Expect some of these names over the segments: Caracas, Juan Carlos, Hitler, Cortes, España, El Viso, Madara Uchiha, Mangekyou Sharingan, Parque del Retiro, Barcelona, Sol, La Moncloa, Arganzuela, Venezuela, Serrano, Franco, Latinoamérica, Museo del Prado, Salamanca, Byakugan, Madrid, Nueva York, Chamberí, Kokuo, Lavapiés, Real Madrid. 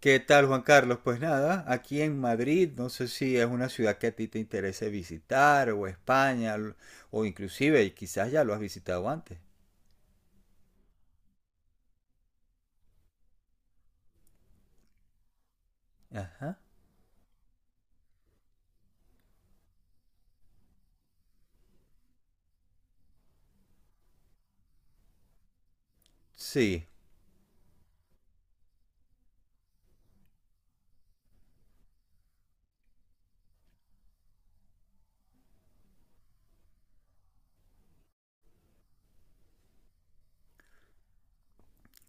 ¿Qué tal, Juan Carlos? Pues nada, aquí en Madrid, no sé si es una ciudad que a ti te interese visitar, o España, o inclusive quizás ya lo has visitado antes. Ajá. Sí,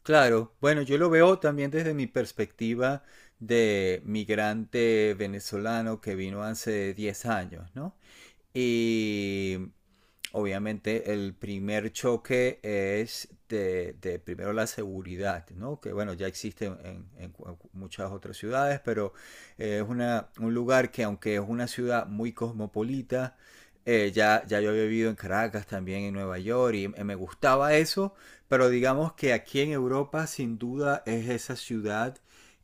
claro. Bueno, yo lo veo también desde mi perspectiva de migrante venezolano que vino hace 10 años, ¿no? Y obviamente el primer choque es de primero la seguridad, ¿no? Que bueno, ya existe en muchas otras ciudades, pero es un lugar que aunque es una ciudad muy cosmopolita, ya yo había vivido en Caracas también, en Nueva York, y me gustaba eso, pero digamos que aquí en Europa sin duda es esa ciudad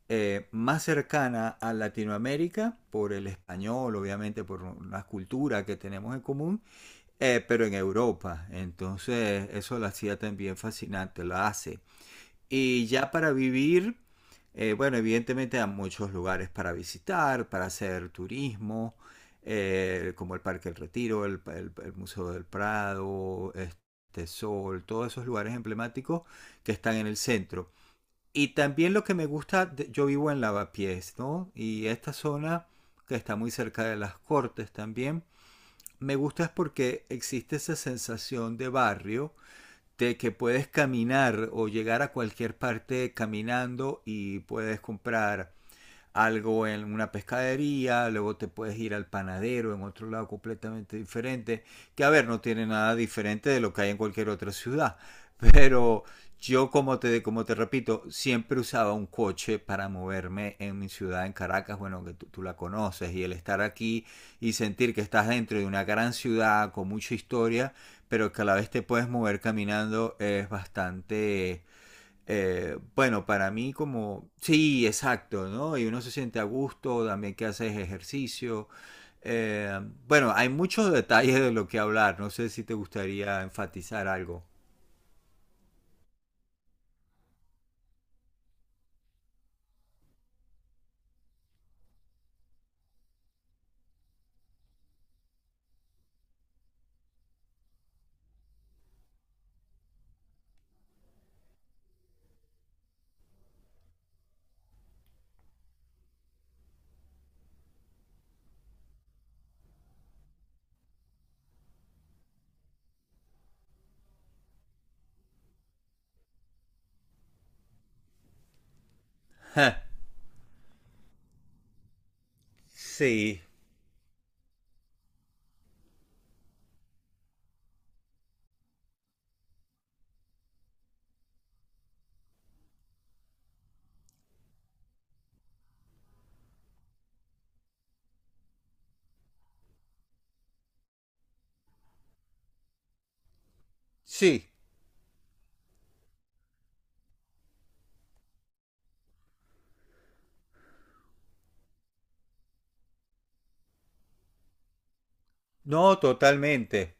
más cercana a Latinoamérica, por el español, obviamente, por una cultura que tenemos en común, pero en Europa. Entonces, eso la hacía también fascinante, la hace. Y ya para vivir, bueno, evidentemente hay muchos lugares para visitar, para hacer turismo, como el Parque del Retiro, el Museo del Prado, este Sol, todos esos lugares emblemáticos que están en el centro. Y también lo que me gusta, yo vivo en Lavapiés, ¿no? Y esta zona, que está muy cerca de las Cortes también, me gusta es porque existe esa sensación de barrio, de que puedes caminar o llegar a cualquier parte caminando y puedes comprar algo en una pescadería, luego te puedes ir al panadero en otro lado completamente diferente, que a ver, no tiene nada diferente de lo que hay en cualquier otra ciudad, pero yo como te repito, siempre usaba un coche para moverme en mi ciudad, en Caracas, bueno, que tú, la conoces, y el estar aquí y sentir que estás dentro de una gran ciudad con mucha historia, pero que a la vez te puedes mover caminando es bastante bueno, para mí como, sí, exacto, ¿no? Y uno se siente a gusto, también que haces ejercicio. Eh, bueno, hay muchos detalles de lo que hablar, no sé si te gustaría enfatizar algo. Sí, sí, no, totalmente.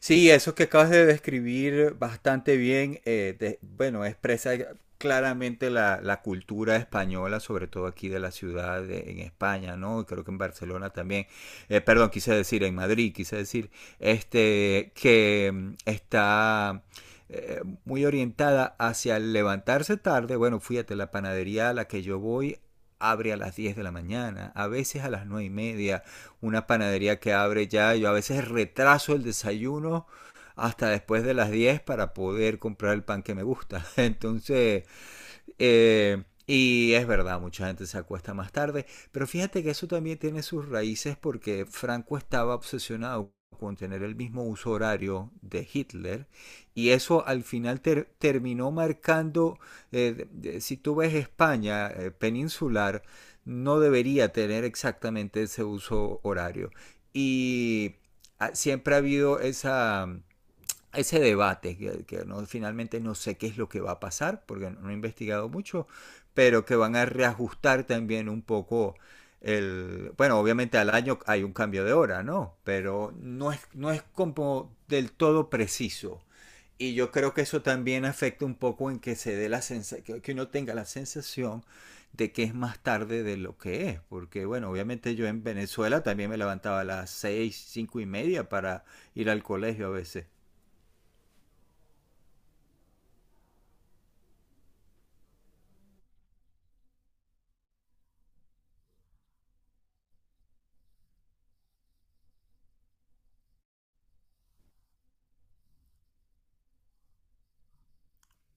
Sí, eso que acabas de describir bastante bien, bueno, expresa claramente la, la cultura española, sobre todo aquí de la ciudad en España, ¿no? Y creo que en Barcelona también. Perdón, quise decir, en Madrid, quise decir, este, que está muy orientada hacia el levantarse tarde. Bueno, fíjate, la panadería a la que yo voy abre a las 10 de la mañana, a veces a las 9:30, una panadería que abre ya. Yo a veces retraso el desayuno hasta después de las 10 para poder comprar el pan que me gusta. Entonces, y es verdad, mucha gente se acuesta más tarde, pero fíjate que eso también tiene sus raíces porque Franco estaba obsesionado con tener el mismo uso horario de Hitler y eso al final terminó marcando, si tú ves España peninsular, no debería tener exactamente ese uso horario. Y siempre ha habido esa ese debate, que no, finalmente no sé qué es lo que va a pasar, porque no he investigado mucho, pero que van a reajustar también un poco el... Bueno, obviamente al año hay un cambio de hora, ¿no? Pero no es, no es como del todo preciso. Y yo creo que eso también afecta un poco en que se dé la sensación, que uno tenga la sensación de que es más tarde de lo que es, porque bueno, obviamente yo en Venezuela también me levantaba a las 6, 5:30 para ir al colegio a veces.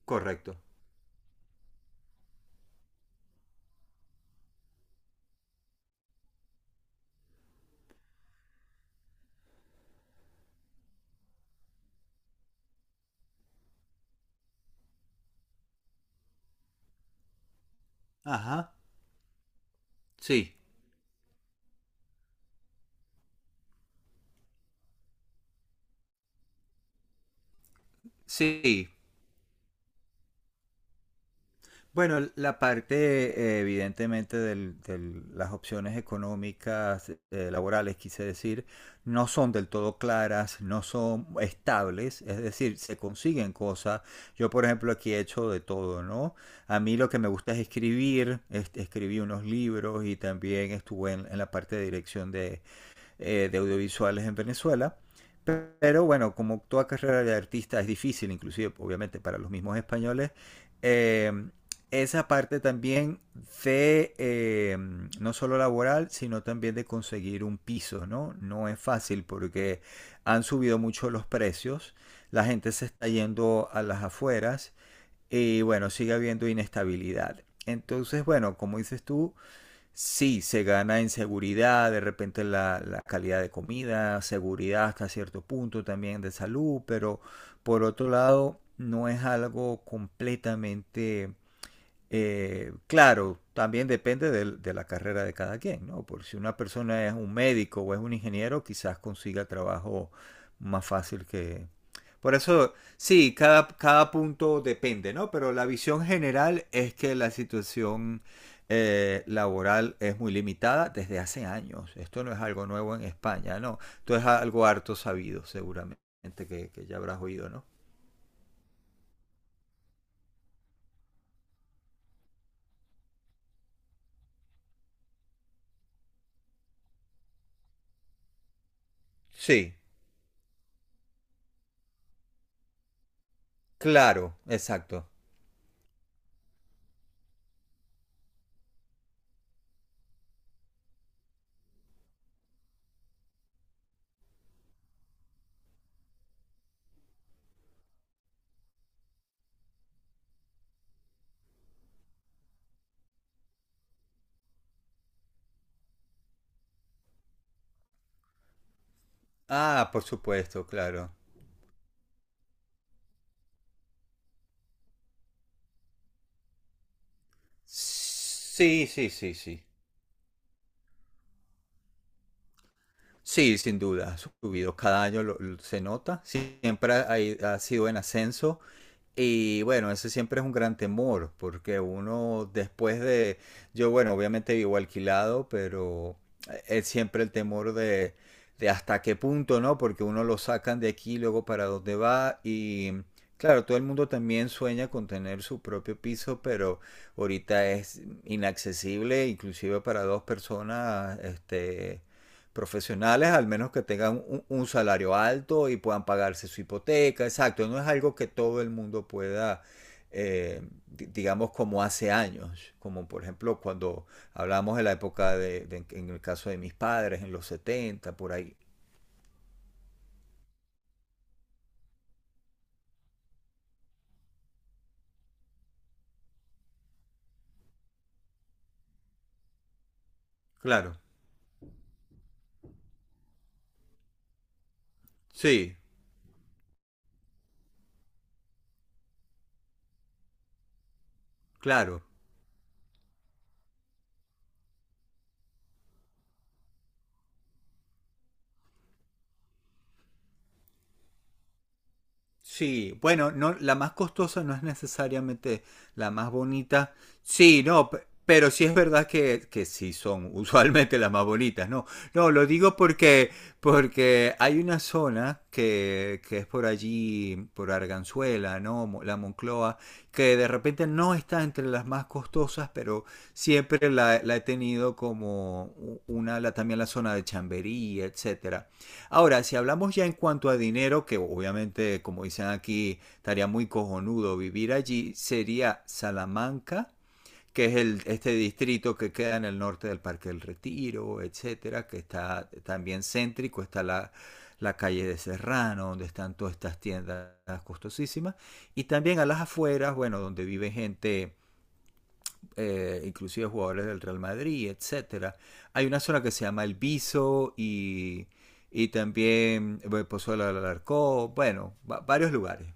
Correcto. Ajá. Sí, sí. Bueno, la parte evidentemente de las opciones económicas, laborales, quise decir, no son del todo claras, no son estables, es decir, se consiguen cosas. Yo, por ejemplo, aquí he hecho de todo, ¿no? A mí lo que me gusta es escribir, es, escribí unos libros y también estuve en la parte de dirección de audiovisuales en Venezuela. Pero bueno, como toda carrera de artista es difícil, inclusive obviamente para los mismos españoles, eh, esa parte también de no solo laboral, sino también de conseguir un piso, ¿no? No es fácil porque han subido mucho los precios, la gente se está yendo a las afueras y bueno, sigue habiendo inestabilidad. Entonces, bueno, como dices tú, sí, se gana en seguridad, de repente la, la calidad de comida, seguridad hasta cierto punto también de salud, pero por otro lado no es algo completamente claro, también depende de, la carrera de cada quien, ¿no? Por si una persona es un médico o es un ingeniero, quizás consiga trabajo más fácil que... Por eso, sí, cada punto depende, ¿no? Pero la visión general es que la situación laboral es muy limitada desde hace años. Esto no es algo nuevo en España, ¿no? Esto es algo harto sabido, seguramente, que ya habrás oído, ¿no? Sí, claro, exacto. Ah, por supuesto, claro. Sí, sí, sí, sí. Sí, sin duda, ha subido. Cada año se nota. Siempre ha sido en ascenso. Y bueno, ese siempre es un gran temor, porque uno después de, yo bueno, obviamente vivo alquilado, pero es siempre el temor de hasta qué punto, ¿no? Porque uno lo sacan de aquí, luego para dónde va y claro, todo el mundo también sueña con tener su propio piso, pero ahorita es inaccesible, inclusive para dos personas, este, profesionales, al menos que tengan un, salario alto y puedan pagarse su hipoteca, exacto, no es algo que todo el mundo pueda, eh, digamos, como hace años, como por ejemplo cuando hablamos de la época de, en el caso de mis padres, en los 70 por ahí. Claro, sí, claro. Sí, bueno, no, la más costosa no es necesariamente la más bonita. Sí, no, pe- pero sí es verdad que, sí son usualmente las más bonitas, ¿no? No, lo digo porque, hay una zona que es por allí, por Arganzuela, ¿no? La Moncloa, que de repente no está entre las más costosas, pero siempre la he tenido como también la zona de Chamberí, etcétera. Ahora, si hablamos ya en cuanto a dinero, que obviamente, como dicen aquí, estaría muy cojonudo vivir allí, sería Salamanca, que es el, este distrito que queda en el norte del Parque del Retiro, etcétera, que está también céntrico, está la calle de Serrano, donde están todas estas tiendas costosísimas, y también a las afueras, bueno, donde vive gente inclusive jugadores del Real Madrid, etcétera. Hay una zona que se llama El Viso y, también Pozuelo del Alarcó, bueno, varios lugares.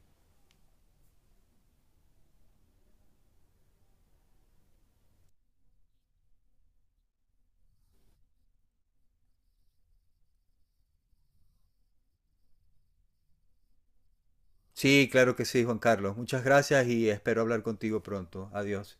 Sí, claro que sí, Juan Carlos. Muchas gracias y espero hablar contigo pronto. Adiós.